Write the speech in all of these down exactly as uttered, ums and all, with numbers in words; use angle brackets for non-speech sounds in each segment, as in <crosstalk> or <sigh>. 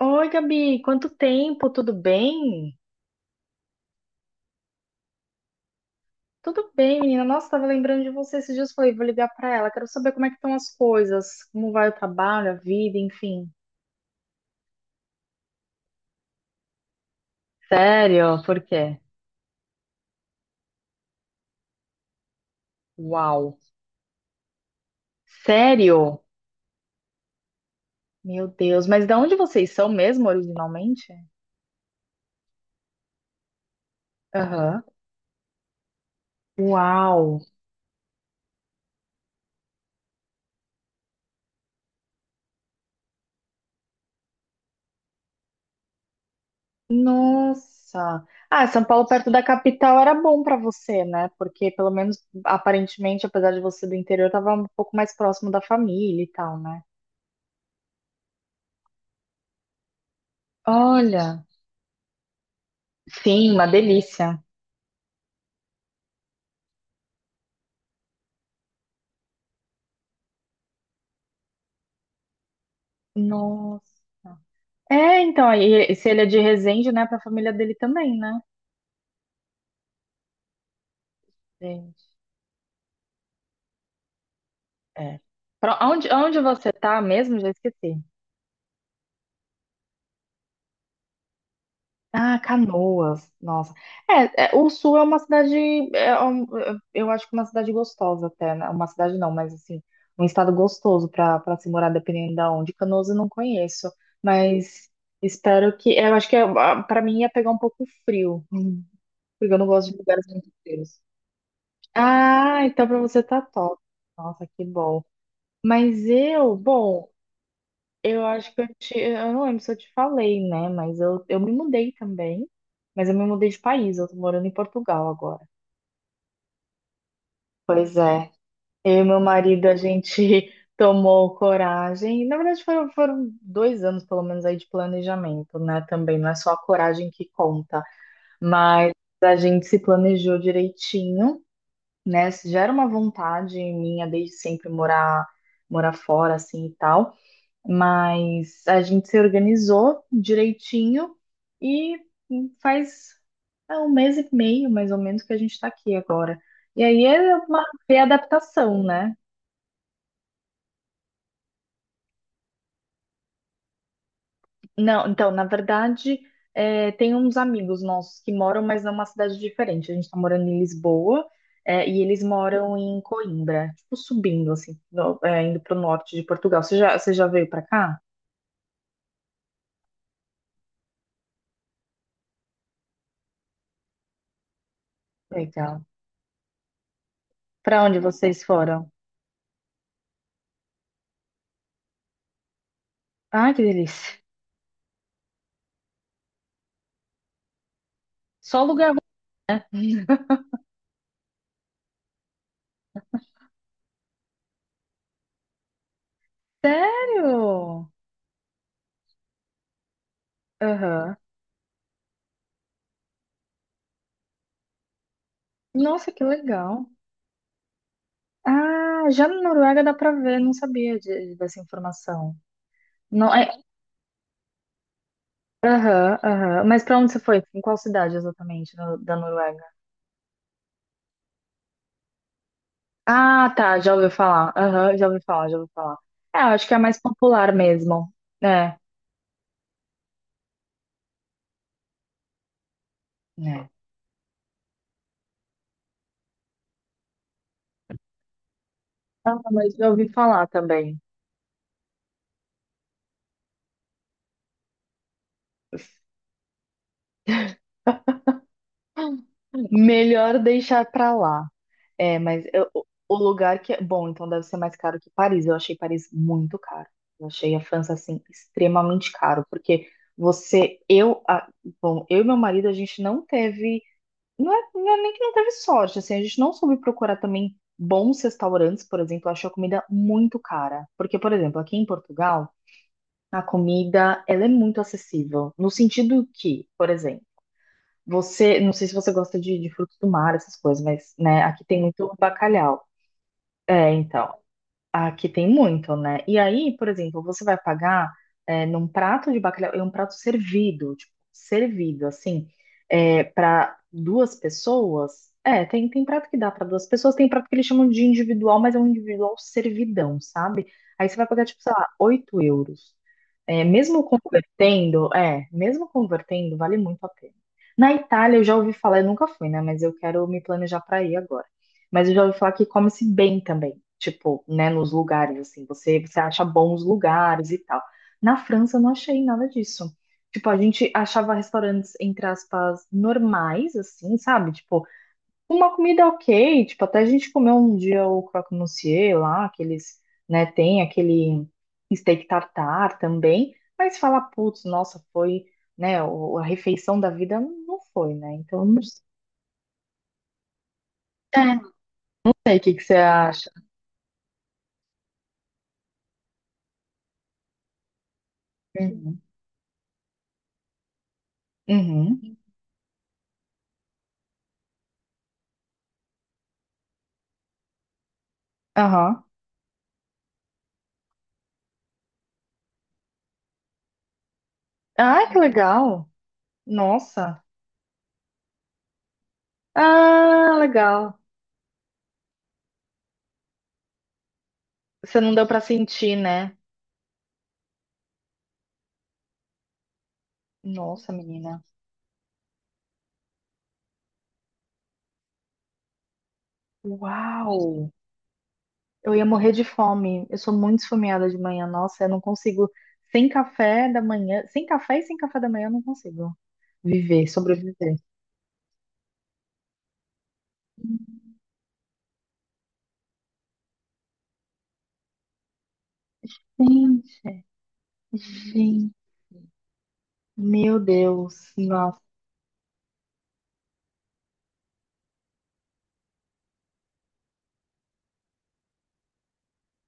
Oi, Gabi, quanto tempo? Tudo bem? Tudo bem, menina. Nossa, tava lembrando de você esses dias. Falei, vou ligar pra ela. Quero saber como é que estão as coisas, como vai o trabalho, a vida, enfim. Sério? Por quê? Uau. Sério? Meu Deus. Mas de onde vocês são mesmo, originalmente? Aham. Uau. Nossa. Ah, São Paulo perto da capital era bom pra você, né? Porque pelo menos aparentemente, apesar de você do interior, tava um pouco mais próximo da família e tal, né? Olha. Sim, uma delícia. Nossa. É, então, aí, se ele é de Resende, né, pra família dele também, né? Gente. É. Pra onde, onde, você tá mesmo? Já esqueci. Ah, Canoas. Nossa. É, é, o Sul é uma cidade. É é um- é, eu acho que é uma cidade gostosa até, né? Uma cidade não, mas assim, um estado gostoso para para se morar, dependendo da onde. Canoas eu não conheço, mas espero que. é, Eu acho que para mim ia pegar um pouco frio, Hum. porque eu não gosto de lugares muito frios. Ah, então pra você tá top. Nossa, que bom. Mas eu, bom, eu acho que eu, te, eu não lembro se eu te falei, né? Mas eu, eu me mudei também. Mas eu me mudei de país, eu tô morando em Portugal agora. Pois é. Eu e meu marido, a gente <laughs> tomou coragem. Na verdade, foram, foram dois anos, pelo menos, aí de planejamento, né? Também não é só a coragem que conta, mas a gente se planejou direitinho. Né? Gera uma vontade minha desde sempre morar morar fora assim e tal, mas a gente se organizou direitinho e faz é, um mês e meio mais ou menos que a gente está aqui agora. E aí é uma readaptação, né? Não, então, na verdade, é, tem uns amigos nossos que moram, mas numa cidade diferente. A gente tá morando em Lisboa, é, e eles moram em Coimbra, tipo subindo, assim, no- é, indo pro norte de Portugal. Você já, você já veio pra cá? Legal. Pra onde vocês foram? Ai, que delícia. Só lugar ruim? Sério? Aham. Nossa, que legal. Ah, já na Noruega dá pra ver, não sabia de- dessa informação. Não. é, Aham, aham. Mas pra onde você foi? Em qual cidade exatamente no- da Noruega? Ah, tá, já ouvi falar. Aham, já ouvi falar, já ouvi falar. É, eu acho que é a mais popular mesmo. É, né? Ah, mas já ouvi falar também. <laughs> Melhor deixar pra lá. É, mas eu- o o lugar que é bom, então deve ser mais caro que Paris. Eu achei Paris muito caro. Eu achei a França assim extremamente caro, porque você, eu, a- bom, eu e meu marido a gente não teve. Não é, não é nem que não teve sorte, assim, a gente não soube procurar também bons restaurantes, por exemplo, eu achei a comida muito cara. Porque, por exemplo, aqui em Portugal, a comida, ela é muito acessível, no sentido que, por exemplo, você, não sei se você gosta de, de frutos do mar, essas coisas, mas, né, aqui tem muito bacalhau. É, então, aqui tem muito, né? E aí, por exemplo, você vai pagar é, num prato de bacalhau, é um prato servido, tipo, servido, assim, para duas pessoas. É, tem, tem prato que dá para duas pessoas, tem prato que eles chamam de individual, mas é um individual servidão, sabe? Aí você vai pagar, tipo, sei lá, oito euros. É, mesmo convertendo, é, mesmo convertendo, vale muito a pena. Na Itália, eu já ouvi falar, eu nunca fui, né? Mas eu quero me planejar para ir agora. Mas eu já ouvi falar que come-se bem também, tipo, né, nos lugares, assim, você, você acha bons lugares e tal. Na França eu não achei nada disso. Tipo, a gente achava restaurantes, entre aspas, normais, assim, sabe? Tipo, uma comida ok, tipo, até a gente comeu um dia o croque monsieur lá, aqueles, né, tem aquele steak tartar também, mas falar, putz, nossa, foi, né, o- a refeição da vida não foi, né? Então, não sei, É, não sei o que que você acha. Uhum. Uhum. Aham. Ah, que legal! Nossa. Ah, legal. Você não deu pra sentir, né? Nossa, menina. Uau! Eu ia morrer de fome. Eu sou muito esfomeada de manhã. Nossa, eu não consigo. Sem café da manhã. Sem café e sem café da manhã, eu não consigo viver, sobreviver. Sim, sim. Meu Deus. Nossa.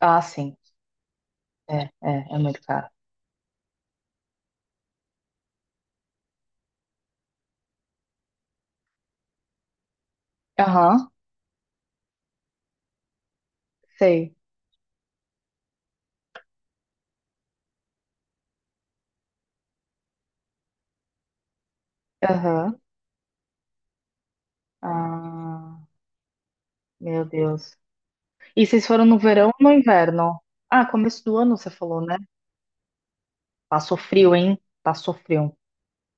Ah, sim. É, é, é muito caro. Aham, sei. Aham. Ah, meu Deus. E vocês foram no verão ou no inverno? Ah, começo do ano você falou, né? Passou frio, hein? Passou frio.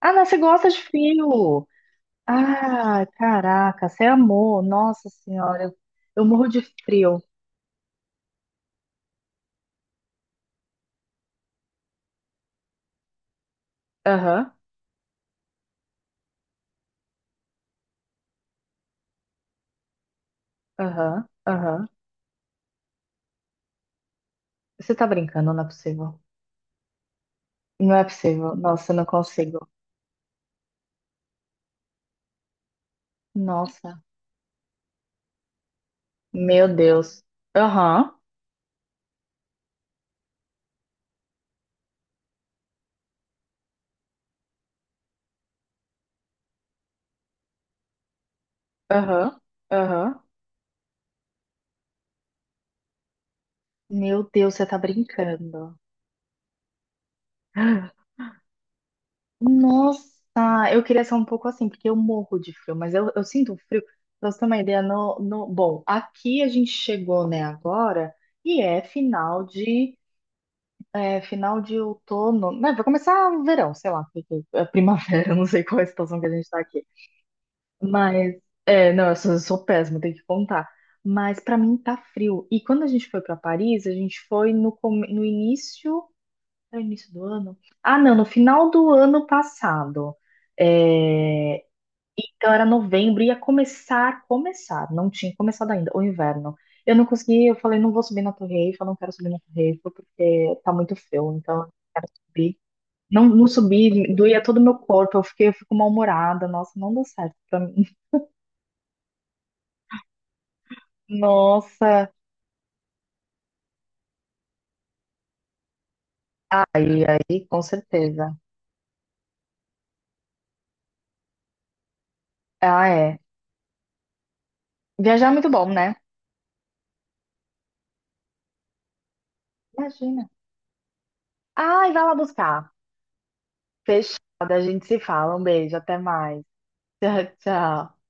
Ah, não, você gosta de frio. Ah, caraca, você amou. Nossa senhora, eu, eu morro de frio. Aham, aham, aham. Você tá brincando, não é possível. Não é possível. Nossa, eu não consigo. Nossa, meu Deus. Aham, aham, aham. Meu Deus, você tá brincando. Nossa, eu queria ser um pouco assim, porque eu morro de frio, mas eu, eu sinto frio. Pra você ter uma ideia, no, no, bom, aqui a gente chegou, né, agora, e é final de, é, final de outono, né, vai começar o verão, sei lá, porque é primavera, <laughs> eu não sei qual é a situação que a gente tá aqui. Mas, é, não, eu sou, eu sou péssima, tenho que contar. Mas pra mim tá frio. E quando a gente foi pra Paris, a gente foi no, come- no início. No início do ano? Ah, não, no final do ano passado. É, então era novembro, ia começar, começar, não tinha começado ainda, o inverno. Eu não consegui, eu falei, não vou subir na Torre Eiffel, não quero subir na Torre Eiffel, porque tá muito frio, então eu não quero subir. Não, não subi, doía todo o meu corpo, eu fiquei, eu fico mal-humorada, nossa, não deu certo pra mim. <laughs> Nossa, aí, aí, com certeza. Ah, é. Viajar é muito bom, né? Imagina. Ai, vai lá buscar. Fechado, a gente se fala. Um beijo, até mais. <laughs> Tchau, tchau.